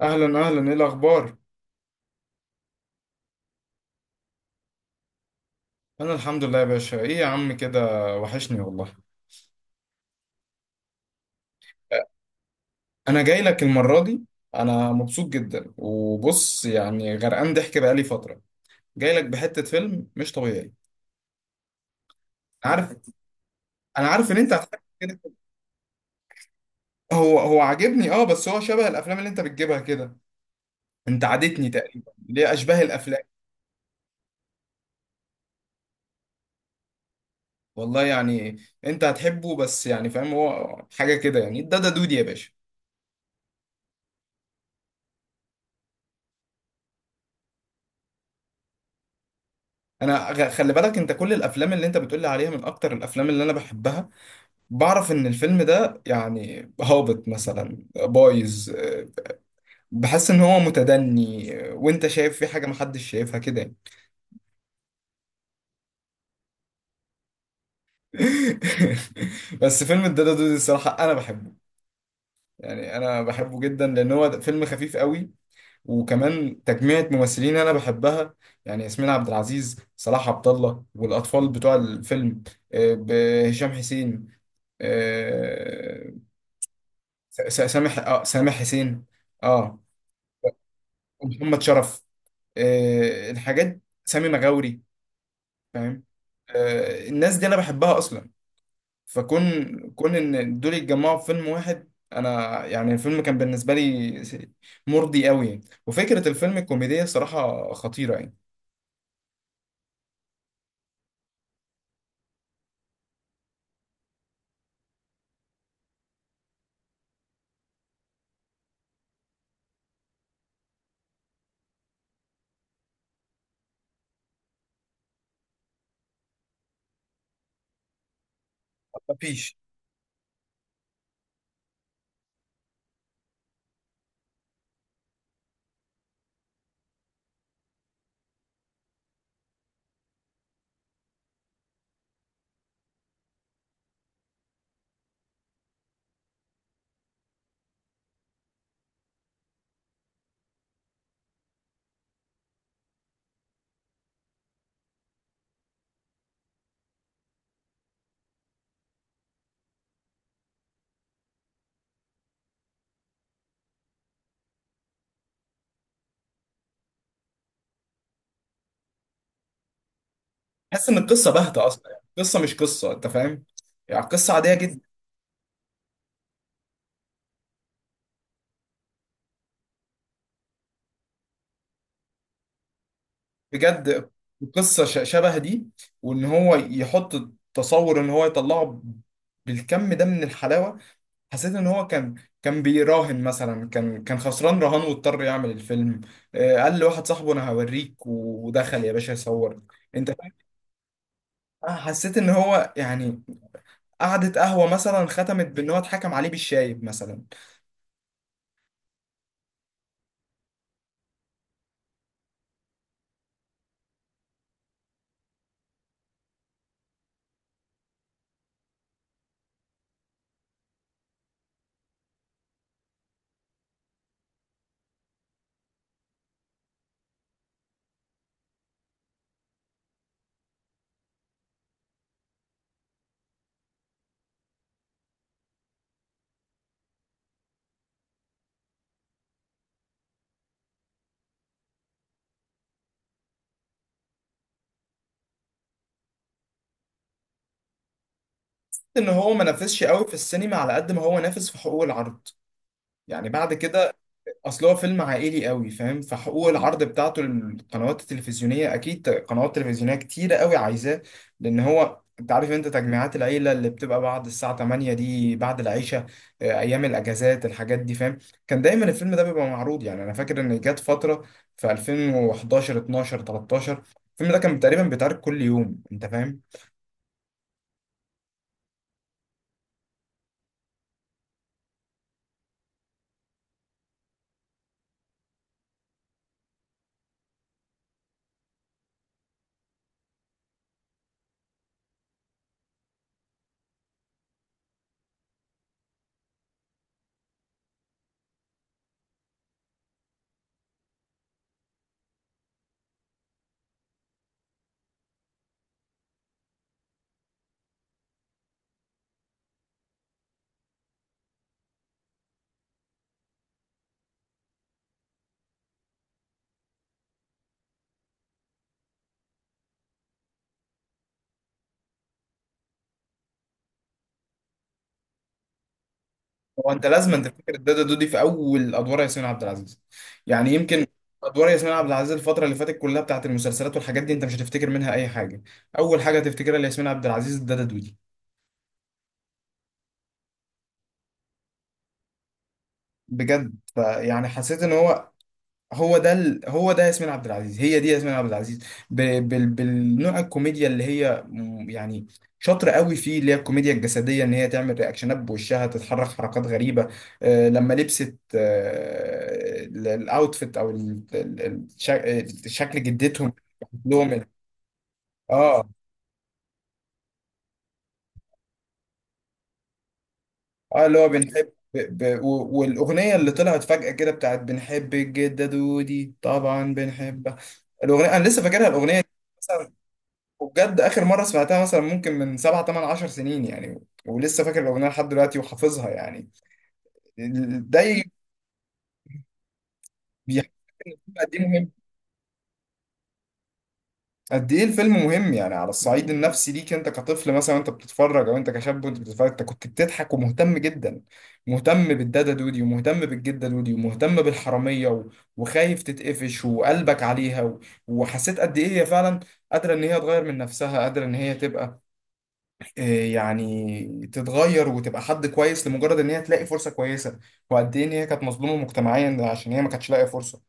اهلا اهلا، ايه الاخبار؟ انا الحمد لله يا باشا. ايه يا عم كده، وحشني والله. انا جاي لك المره دي انا مبسوط جدا. وبص يعني غرقان ضحك بقالي فتره، جاي لك بحته فيلم مش طبيعي. عارف انا عارف ان انت هتحب كده. هو عاجبني، اه، بس هو شبه الافلام اللي انت بتجيبها كده. انت عادتني تقريبا ليه اشباه الافلام. والله يعني انت هتحبه، بس يعني فاهم، هو حاجه كده يعني، ده دودي يا باشا. خلي بالك، انت كل الافلام اللي انت بتقولي عليها من اكتر الافلام اللي انا بحبها. بعرف ان الفيلم ده يعني هابط مثلا، بايظ، بحس ان هو متدني، وانت شايف في حاجه محدش شايفها كده يعني. بس فيلم الدادا دودي الصراحه انا بحبه، يعني انا بحبه جدا لان هو فيلم خفيف قوي. وكمان تجميعة ممثلين انا بحبها، يعني ياسمين عبد العزيز، صلاح عبد الله، والاطفال بتوع الفيلم، هشام حسين، آه، سامح حسين، اه، ومحمد شرف، الحاجات سامي مغاوري، فاهم؟ الناس دي انا بحبها اصلا. فكون كون ان دول يتجمعوا في فيلم واحد، انا يعني الفيلم كان بالنسبه لي مرضي قوي يعني. وفكره الفيلم الكوميديه صراحه خطيره يعني. مفيش. حاسس ان القصه باهته اصلا، يعني القصه مش قصه، انت فاهم، يعني قصه عاديه جدا. بجد قصه شبه دي، وان هو يحط، تصور ان هو يطلعه بالكم ده من الحلاوه. حسيت ان هو كان، كان بيراهن مثلا، كان خسران رهان واضطر يعمل الفيلم. قال لواحد صاحبه انا هوريك ودخل يا باشا يصور، انت فاهم. حسيت ان هو يعني قعدة قهوة مثلا ختمت بان هو اتحكم عليه بالشايب مثلا. حسيت ان هو ما نافسش قوي في السينما على قد ما هو نافس في حقوق العرض. يعني بعد كده، اصل هو فيلم عائلي قوي، فاهم، فحقوق العرض بتاعته للقنوات التلفزيونيه اكيد قنوات تلفزيونيه كتيره قوي عايزاه. لان هو انت عارف، انت تجميعات العيله اللي بتبقى بعد الساعه 8 دي بعد العشاء، ايام الاجازات، الحاجات دي فاهم، كان دايما الفيلم ده بيبقى معروض. يعني انا فاكر ان جت فتره في 2011 12 13 الفيلم ده كان تقريبا بيتعرض كل يوم، انت فاهم. هو انت لازم انت تفتكر الدادا دودي في اول ادوار ياسمين عبد العزيز، يعني يمكن ادوار ياسمين عبد العزيز الفتره اللي فاتت كلها بتاعت المسلسلات والحاجات دي انت مش هتفتكر منها اي حاجه، اول حاجه هتفتكرها لياسمين عبد العزيز الدادا دودي. بجد فيعني حسيت ان هو، هو ده ياسمين عبد العزيز، هي دي ياسمين عبد العزيز، ب... بالنوع الكوميديا اللي هي يعني شاطره قوي فيه، اللي هي الكوميديا الجسديه، ان هي تعمل رياكشنات، بوشها تتحرك حركات غريبه. لما لبست، الاوتفيت، او شكل جدتهم لهم، اه اه اللي هو بنحب، والاغنيه اللي طلعت فجاه كده بتاعت بنحب الجده دودي طبعا بنحبها. الاغنيه انا لسه فاكرها الاغنيه، وبجد اخر مره سمعتها مثلا ممكن من سبعة تمن عشر سنين يعني، ولسه فاكر الاغنيه لحد دلوقتي وحافظها يعني. ده بيحكي قد ايه مهم، قد ايه الفيلم مهم يعني على الصعيد النفسي ليك، انت كطفل مثلا وانت بتتفرج، او انت كشاب وانت بتتفرج، انت كنت بتضحك ومهتم جدا، مهتم بالدادا دودي ومهتم بالجده دودي ومهتم بالحراميه، و- وخايف تتقفش وقلبك عليها، و- وحسيت قد ايه هي فعلا قادره ان هي تغير من نفسها، قادره ان هي تبقى، يعني تتغير وتبقى حد كويس لمجرد ان هي تلاقي فرصه كويسه، وقد ايه ان هي كانت مظلومه مجتمعيا عشان هي ما كانتش لاقيه فرصه.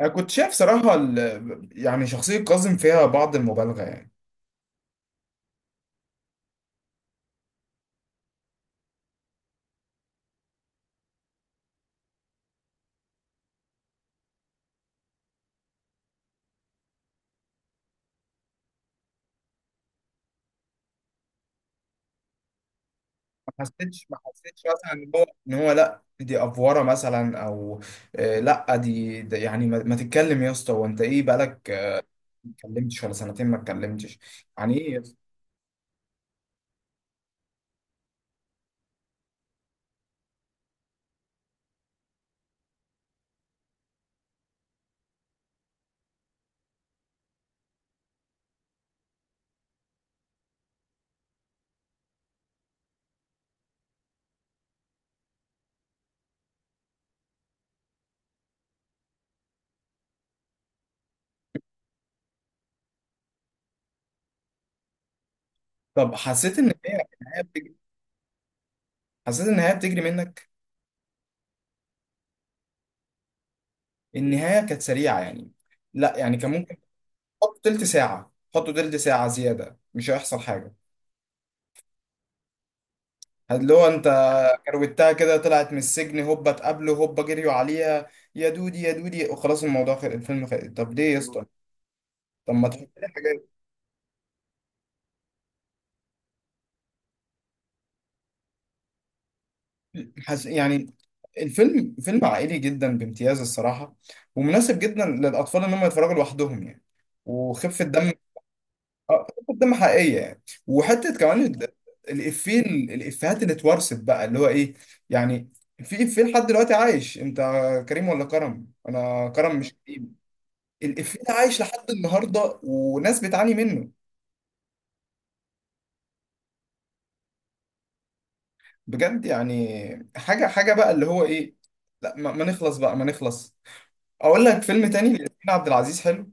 انا كنت شايف صراحه، ال- يعني شخصيه كاظم فيها بعض المبالغه يعني. ما حسيتش مثلا ان هو لا دي افوره مثلا، او لا دي يعني ما تتكلم يا اسطى وانت ايه بقالك ما اتكلمتش ولا سنتين ما اتكلمتش. يعني ايه يا اسطى؟ طب حسيت ان هي النهايه بتجري، حسيت ان النهايه بتجري منك، النهايه كانت سريعه يعني، لا يعني كان ممكن حط تلت ساعة، حطه تلت ساعة زيادة مش هيحصل حاجة. اللي هو انت كروتها كده، طلعت من السجن هوبا، اتقابله هوبا، جريوا عليها يا دودي يا دودي، وخلاص الموضوع خلص الفيلم خلص. طب ليه يا اسطى؟ طب ما تحط لي حاجة. يعني الفيلم فيلم عائلي جدا بامتياز الصراحة، ومناسب جدا للأطفال إن هم يتفرجوا لوحدهم يعني. وخفة دم اه قدام حقيقيه يعني. وحته كمان الافيه، الافيهات اللي اتورثت بقى، اللي هو ايه يعني، في افيه لحد دلوقتي عايش، انت كريم ولا كرم؟ انا كرم مش كريم. الافيه ده عايش لحد النهارده وناس بتعاني منه. بجد يعني حاجه، حاجه بقى اللي هو ايه. لا ما نخلص بقى، ما نخلص. اقول لك فيلم تاني لياسمين عبد العزيز حلو،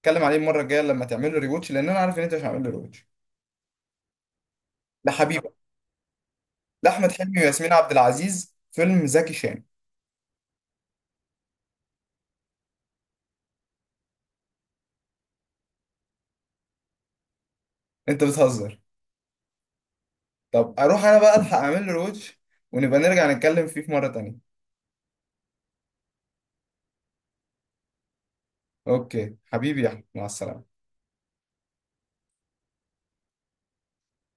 اتكلم عليه المره الجايه لما تعمل له ريواتش، لان انا عارف ان انت مش هعمل له ريواتش. لحبيبه، لاحمد حلمي وياسمين عبد العزيز، فيلم زكي شان. انت بتهزر. طب اروح انا بقى الحق اعمل له روتش، ونبقى نرجع نتكلم فيه في مرة تانية. اوكي حبيبي يا احمد، مع السلامة.